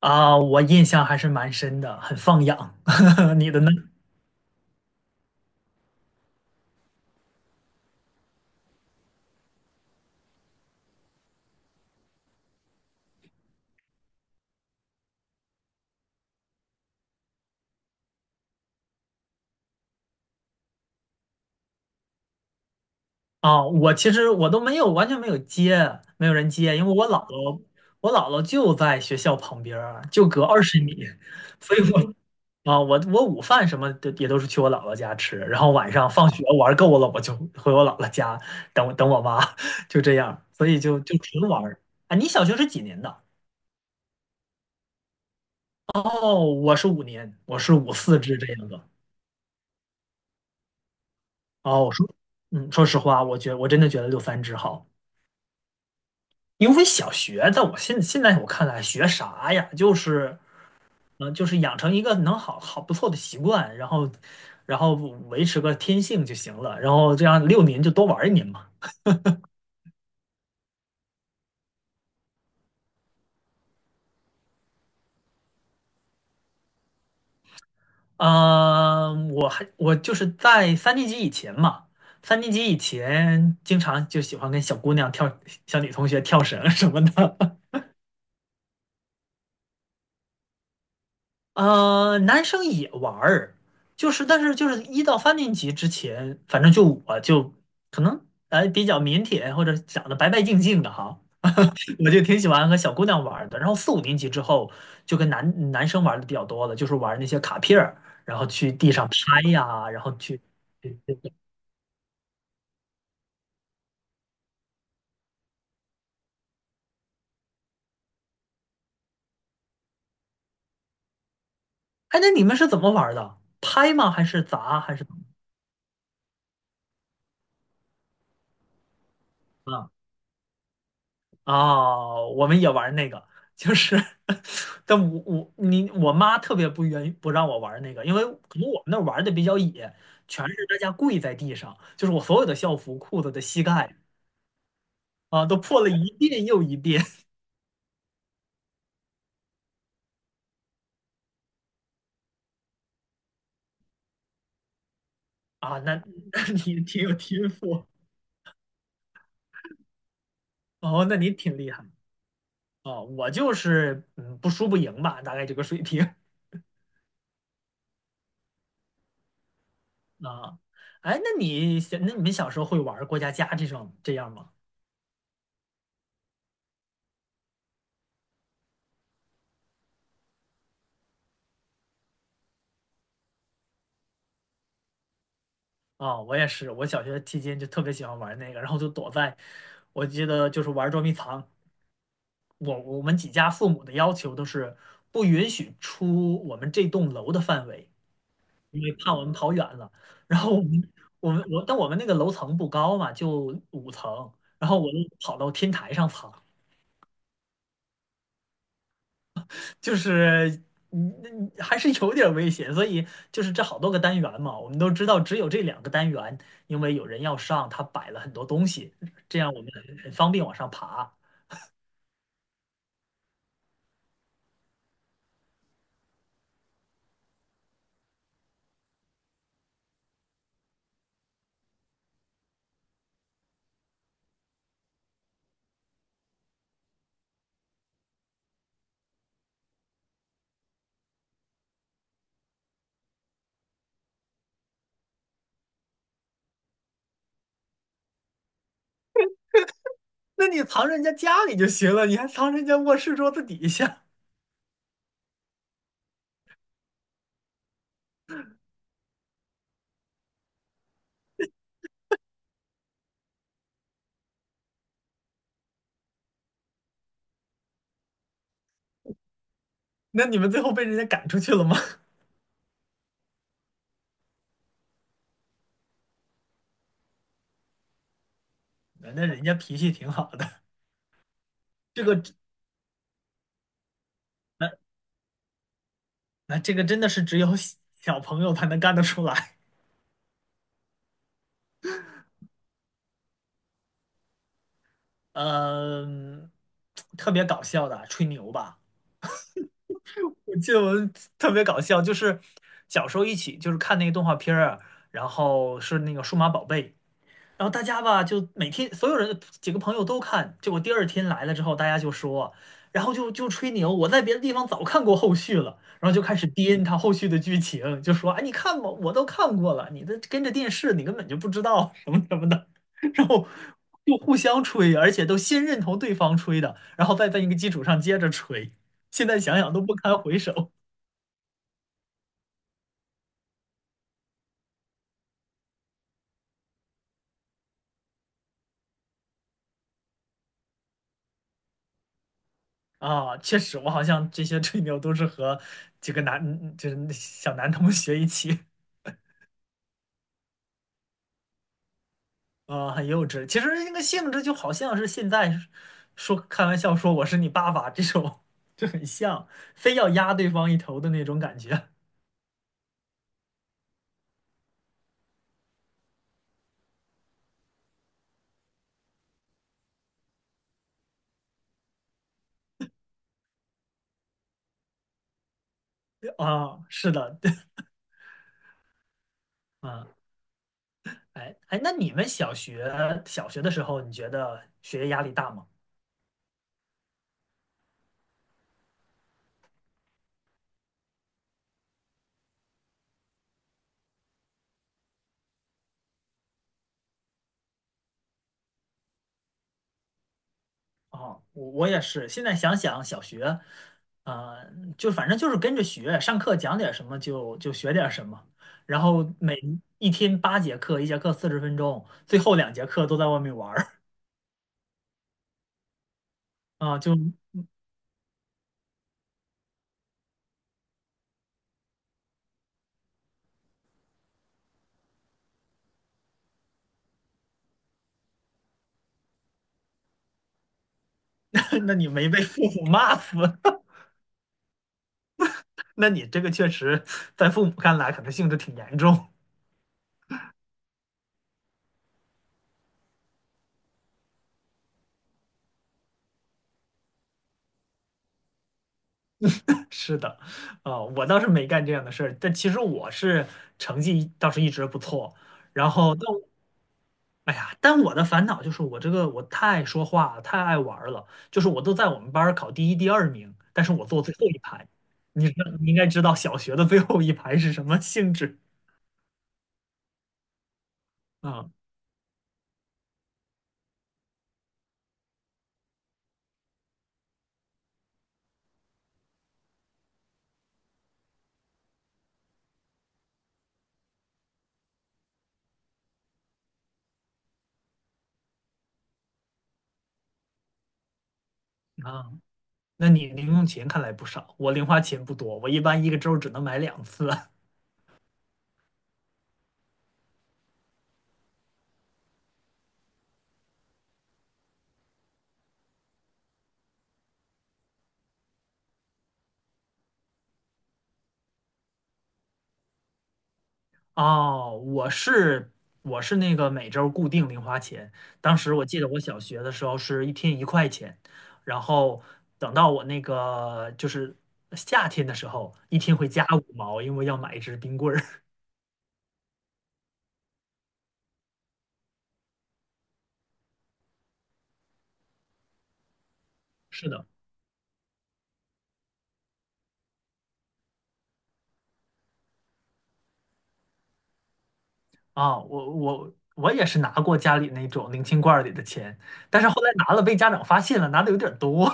啊，我印象还是蛮深的，很放养。你的呢？啊，其实我都没有，完全没有接，没有人接。因为我姥姥，我姥姥就在学校旁边儿，就隔20米。所以我啊，我午饭什么的也都是去我姥姥家吃。然后晚上放学玩够了，我就回我姥姥家等我妈。就这样，所以就纯玩儿。啊，你小学是几年的？哦，我是五年，我是五四至这样的。哦，我说，说实话，我真的觉得六三制好。因为小学在我现在我看来学啥呀，就是养成一个能好好不错的习惯。然后维持个天性就行了。然后这样6年就多玩1年嘛。啊、我就是在三年级以前嘛，三年级以前经常就喜欢跟小姑娘跳，小女同学跳绳什么的。男生也玩儿。但是一到三年级之前，反正就我可能比较腼腆或者长得白白净净的哈。我就挺喜欢和小姑娘玩儿的。然后四五年级之后，就跟男生玩的比较多了，就是玩那些卡片儿，然后去地上拍呀，然后去，去去哎，那你们是怎么玩儿的？拍吗？还是砸？还是怎么？哦，我们也玩那个，就是 但我妈特别不愿意不让我玩那个。因为可能我们那儿玩的比较野，全是大家跪在地上，就是我所有的校服、裤子的膝盖啊都破了一遍又一遍。 啊，那 那你挺有天赋。哦，那你挺厉害。哦，我就是不输不赢吧，大概这个水平。 啊，哎，那你们小时候会玩过家家这种这样吗？啊，我也是。我小学期间就特别喜欢玩那个，然后就躲在，我记得就是玩捉迷藏。我们几家父母的要求都是不允许出我们这栋楼的范围，因为怕我们跑远了。然后我们我们我，但我们那个楼层不高嘛，就5层，然后我就跑到天台上 藏。就是还是有点儿危险。所以就是这好多个单元嘛，我们都知道只有这2个单元。因为有人要上，他摆了很多东西，这样我们很方便往上爬。那你藏人家家里就行了，你还藏人家卧室桌子底下。那你们最后被人家赶出去了吗？那人家脾气挺好的。这个只那那这个真的是只有小小朋友才能干得出来。呃嗯，特别搞笑的吹牛吧。我记得我特别搞笑，就是小时候一起就是看那个动画片儿啊，然后是那个数码宝贝。然后大家吧，就每天所有人几个朋友都看，结果第二天来了之后，大家就说，然后就吹牛。我在别的地方早看过后续了，然后就开始编他后续的剧情。就说，哎，你看吧，我都看过了，你的跟着电视，你根本就不知道什么什么的，然后就互相吹，而且都先认同对方吹的，然后再在一个基础上接着吹。现在想想都不堪回首。啊，确实，我好像这些吹牛都是和几个男，就是小男同学一起。啊，很幼稚。其实那个性质就好像是现在说开玩笑说我是你爸爸这种，就很像，非要压对方一头的那种感觉。啊，是的，对啊，哎哎，那你们小学的时候，你觉得学业压力大吗？啊，我也是。现在想想小学，啊，就反正就是跟着学，上课讲点什么就学点什么。然后每一天8节课，一节课40分钟，最后2节课都在外面玩儿。啊，就 那你没被父母骂死？那你这个确实在父母看来可能性质挺严重。是的。啊、我倒是没干这样的事儿。但其实成绩倒是一直不错。然后，但我哎呀，但我的烦恼就是我这个我太说话了太爱玩儿了。就是我都在我们班儿考第一、第二名，但是我坐最后一排。你应该知道小学的最后一排是什么性质啊啊？那你零用钱看来不少。我零花钱不多，我一般一个周只能买2次。哦，我是那个每周固定零花钱。当时我记得我小学的时候是一天1块钱。然后等到我那个就是夏天的时候，一天会加5毛，因为要买一支冰棍儿。是的。啊，我也是拿过家里那种零钱罐儿里的钱。但是后来拿了被家长发现了，拿的有点儿多。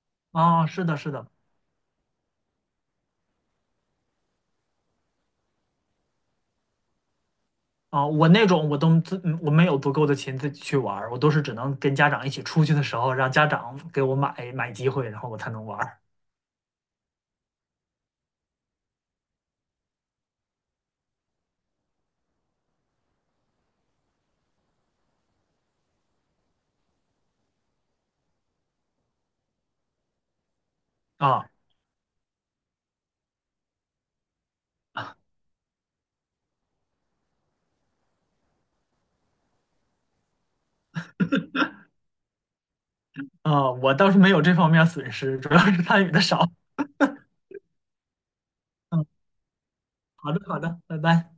啊，是的，是的。啊，我那种我都自嗯我没有足够的钱自己去玩儿。我都是只能跟家长一起出去的时候，让家长给我买机会，然后我才能玩儿。啊啊，我倒是没有这方面损失，主要是参与的少。嗯，好的好的，拜拜。